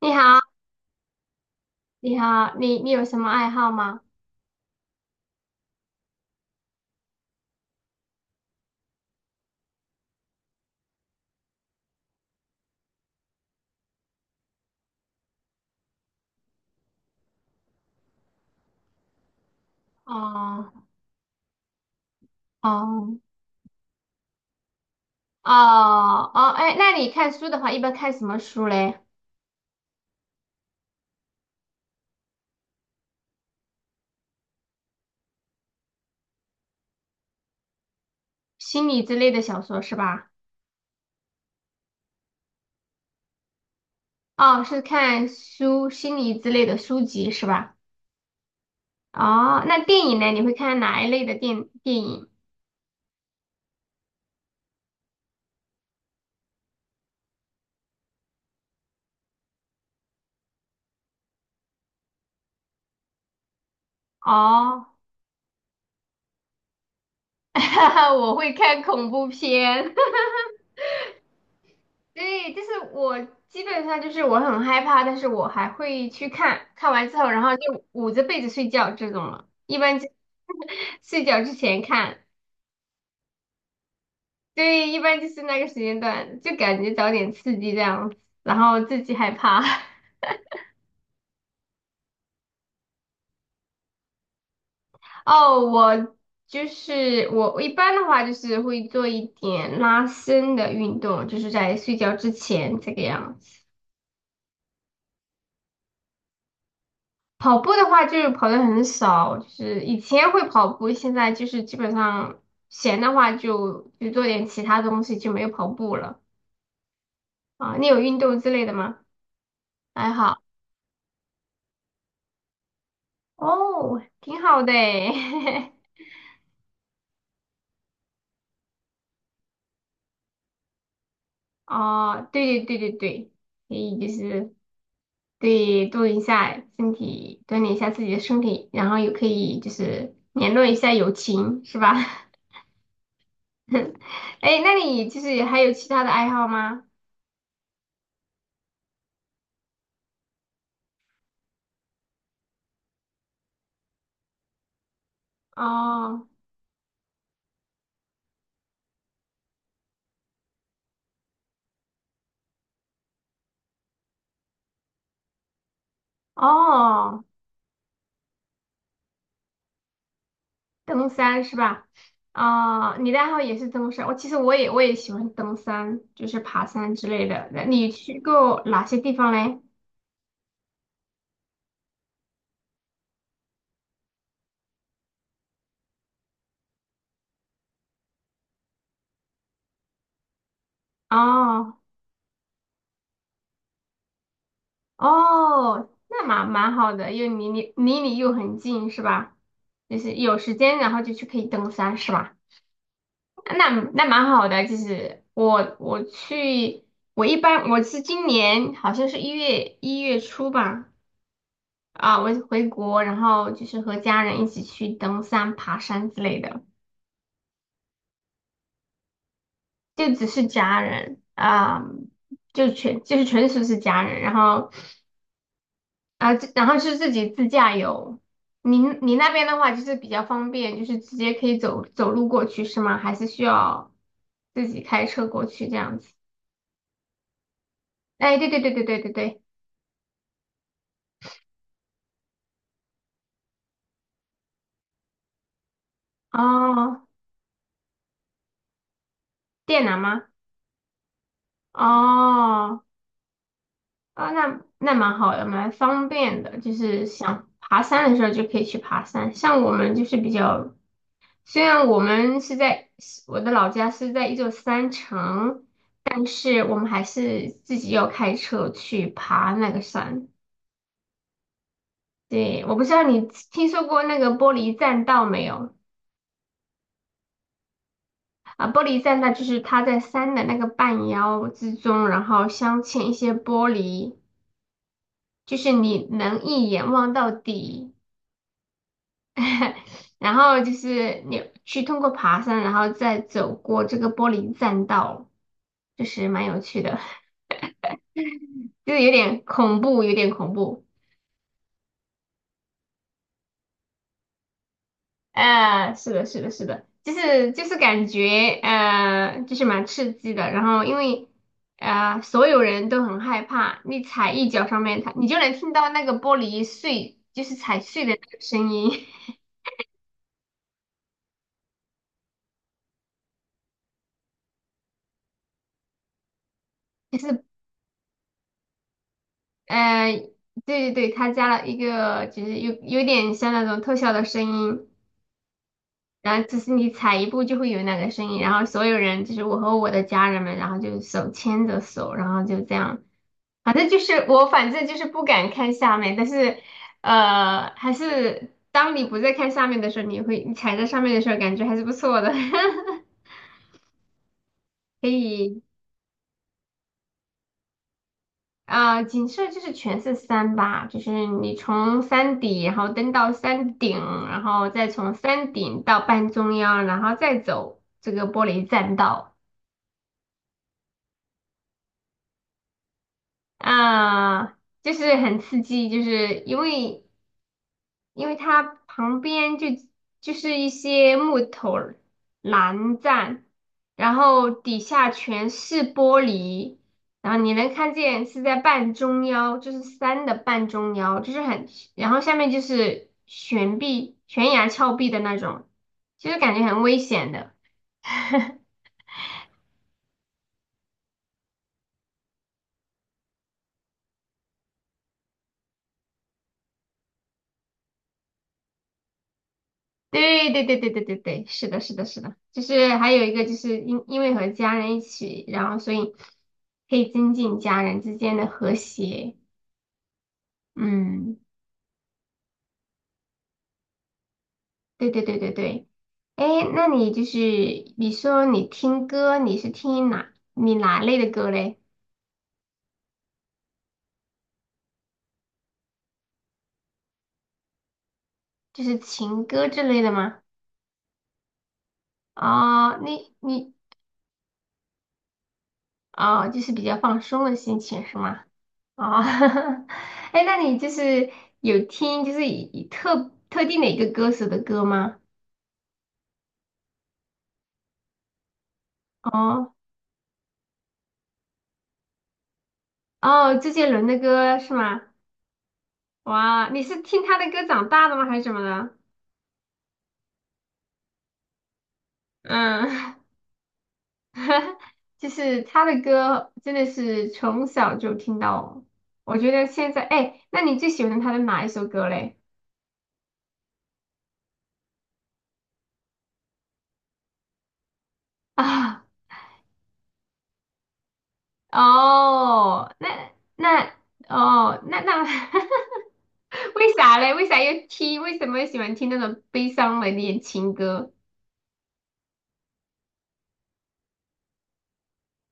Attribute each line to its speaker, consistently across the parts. Speaker 1: 你好，你好，你有什么爱好吗？哦哦哦哦，哎，那你看书的话，一般看什么书嘞？心理之类的小说是吧？哦，是看书，心理之类的书籍是吧？哦，那电影呢？你会看哪一类的电影？哦，我会看恐怖片。对，就是我基本上就是我很害怕，但是我还会去看，看完之后，然后就捂着被子睡觉这种了。一般就 睡觉之前看，对，一般就是那个时间段，就感觉找点刺激这样然后自己害怕。哦，我就是我一般的话就是会做一点拉伸的运动，就是在睡觉之前这个样子。跑步的话就是跑的很少，就是以前会跑步，现在就是基本上闲的话就做点其他东西，就没有跑步了啊。你有运动之类的吗？爱好哦，挺好的诶。哦，对对对对对，可以就是对动一下身体，锻炼一下自己的身体，然后也可以就是联络一下友情，是吧？哎，那你就是还有其他的爱好吗？哦哦。登山是吧？哦，你的爱好也是登山。我其实我也喜欢登山，就是爬山之类的。那你去过哪些地方嘞？哦哦，那蛮好的，又离你又很近是吧？就是有时间然后就去可以登山是吧？那那蛮好的，就是我去，我一般我是今年好像是一月初吧，啊，我回国，然后就是和家人一起去登山、爬山之类的。就只是家人啊、就全就是纯属是家人，然后啊、这然后是自己自驾游。你那边的话就是比较方便，就是直接可以走走路过去是吗？还是需要自己开车过去这样子？哎，对对对对对对对，哦，电缆吗？哦，哦，那那蛮好的，蛮方便的，就是想爬山的时候就可以去爬山。像我们就是比较虽然我们是在我的老家是在一座山城，但是我们还是自己要开车去爬那个山。对，我不知道你听说过那个玻璃栈道没有？啊，玻璃栈道就是它在山的那个半腰之中，然后镶嵌一些玻璃，就是你能一眼望到底。然后就是你去通过爬山，然后再走过这个玻璃栈道，就是蛮有趣的。就是有点恐怖，有点恐怖。是的，是的，是的，就是感觉就是蛮刺激的。然后因为所有人都很害怕，你踩一脚上面，它你就能听到那个玻璃碎，就是踩碎的那个声音。就是呃，对对对，它加了一个就是有点像那种特效的声音。然后就是你踩一步就会有那个声音，然后所有人就是我和我的家人们，然后就手牵着手，然后就这样。反正就是我，反正就是不敢看下面，但是，还是当你不再看下面的时候，你会你踩在上面的时候，感觉还是不错的，可以啊、景色就是全是山吧，就是你从山底，然后登到山顶，然后再从山顶到半中央，然后再走这个玻璃栈道啊、就是很刺激，就是因为。因为它旁边就是一些木头栏杆，然后底下全是玻璃，然后你能看见是在半中腰，就是山的半中腰，就是很，然后下面就是悬臂、悬崖峭壁的那种，就是感觉很危险的。对对对对对对对，是的，是的，是的，就是还有一个就是因为和家人一起，然后所以可以增进家人之间的和谐。嗯，对对对对对，哎，那你就是你说你听歌，你是听哪类的歌嘞？就是情歌之类的吗？哦，你你哦，就是比较放松的心情是吗？哦，哎那你就是有听就是以特定的一个歌手的歌吗？哦哦，周杰伦的歌是吗？哇，你是听他的歌长大的吗？还是什么的？嗯，就是他的歌真的是从小就听到，我觉得现在，哎，那你最喜欢他的哪一首歌嘞？啊，哦，那那哦，那那，为啥嘞？为啥要听？为什么喜欢听那种悲伤的恋情歌？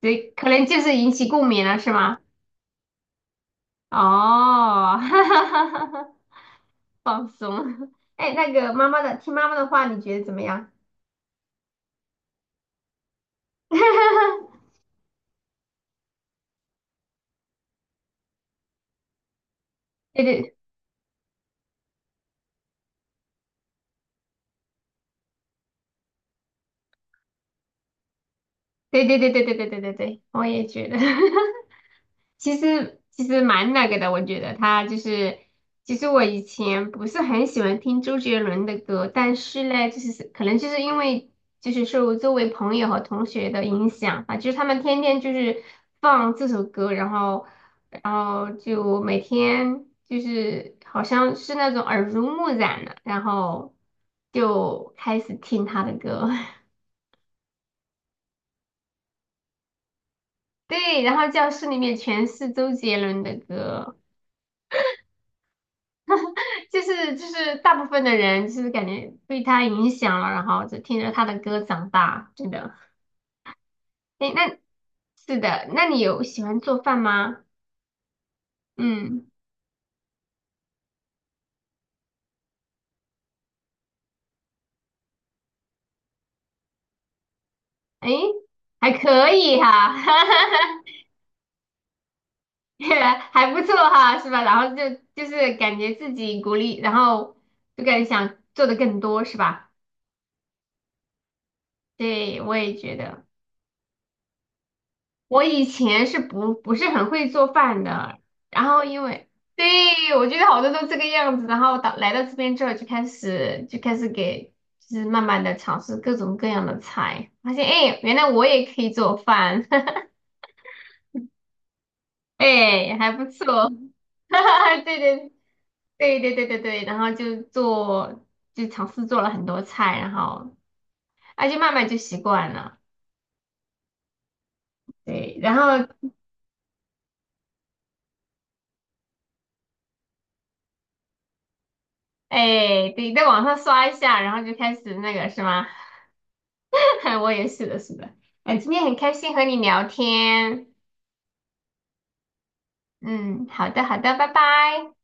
Speaker 1: 对，可能就是引起共鸣了，是吗？哦，哈哈哈哈哈，放松。哎，那个妈妈的，听妈妈的话，你觉得怎么样？对对，对对对对对对对对对，我也觉得，其实蛮那个的，我觉得他就是，其实我以前不是很喜欢听周杰伦的歌，但是呢，可能就是因为就是受周围朋友和同学的影响啊，就是他们天天就是放这首歌，然后然后就每天就是好像是那种耳濡目染的，然后就开始听他的歌，对，然后教室里面全是周杰伦的歌，就是大部分的人就是感觉被他影响了，然后就听着他的歌长大，真的。哎，那是的，那你有喜欢做饭吗？嗯，哎，还可以哈，还不错哈，是吧？然后就就是感觉自己鼓励，然后就感觉想做的更多，是吧？对，我也觉得。我以前是不是很会做饭的，然后因为对我觉得好多都这个样子，然后到来到这边之后就开始给就是慢慢的尝试各种各样的菜，发现哎原来我也可以做饭，哎还不错，哈哈，对对对对对对对，然后就做就尝试做了很多菜，然后啊就慢慢就习惯了，对，然后哎对在网上刷一下，然后就开始那个是吗？我也是的，是的。哎，今天很开心和你聊天。嗯，好的，好的，拜拜。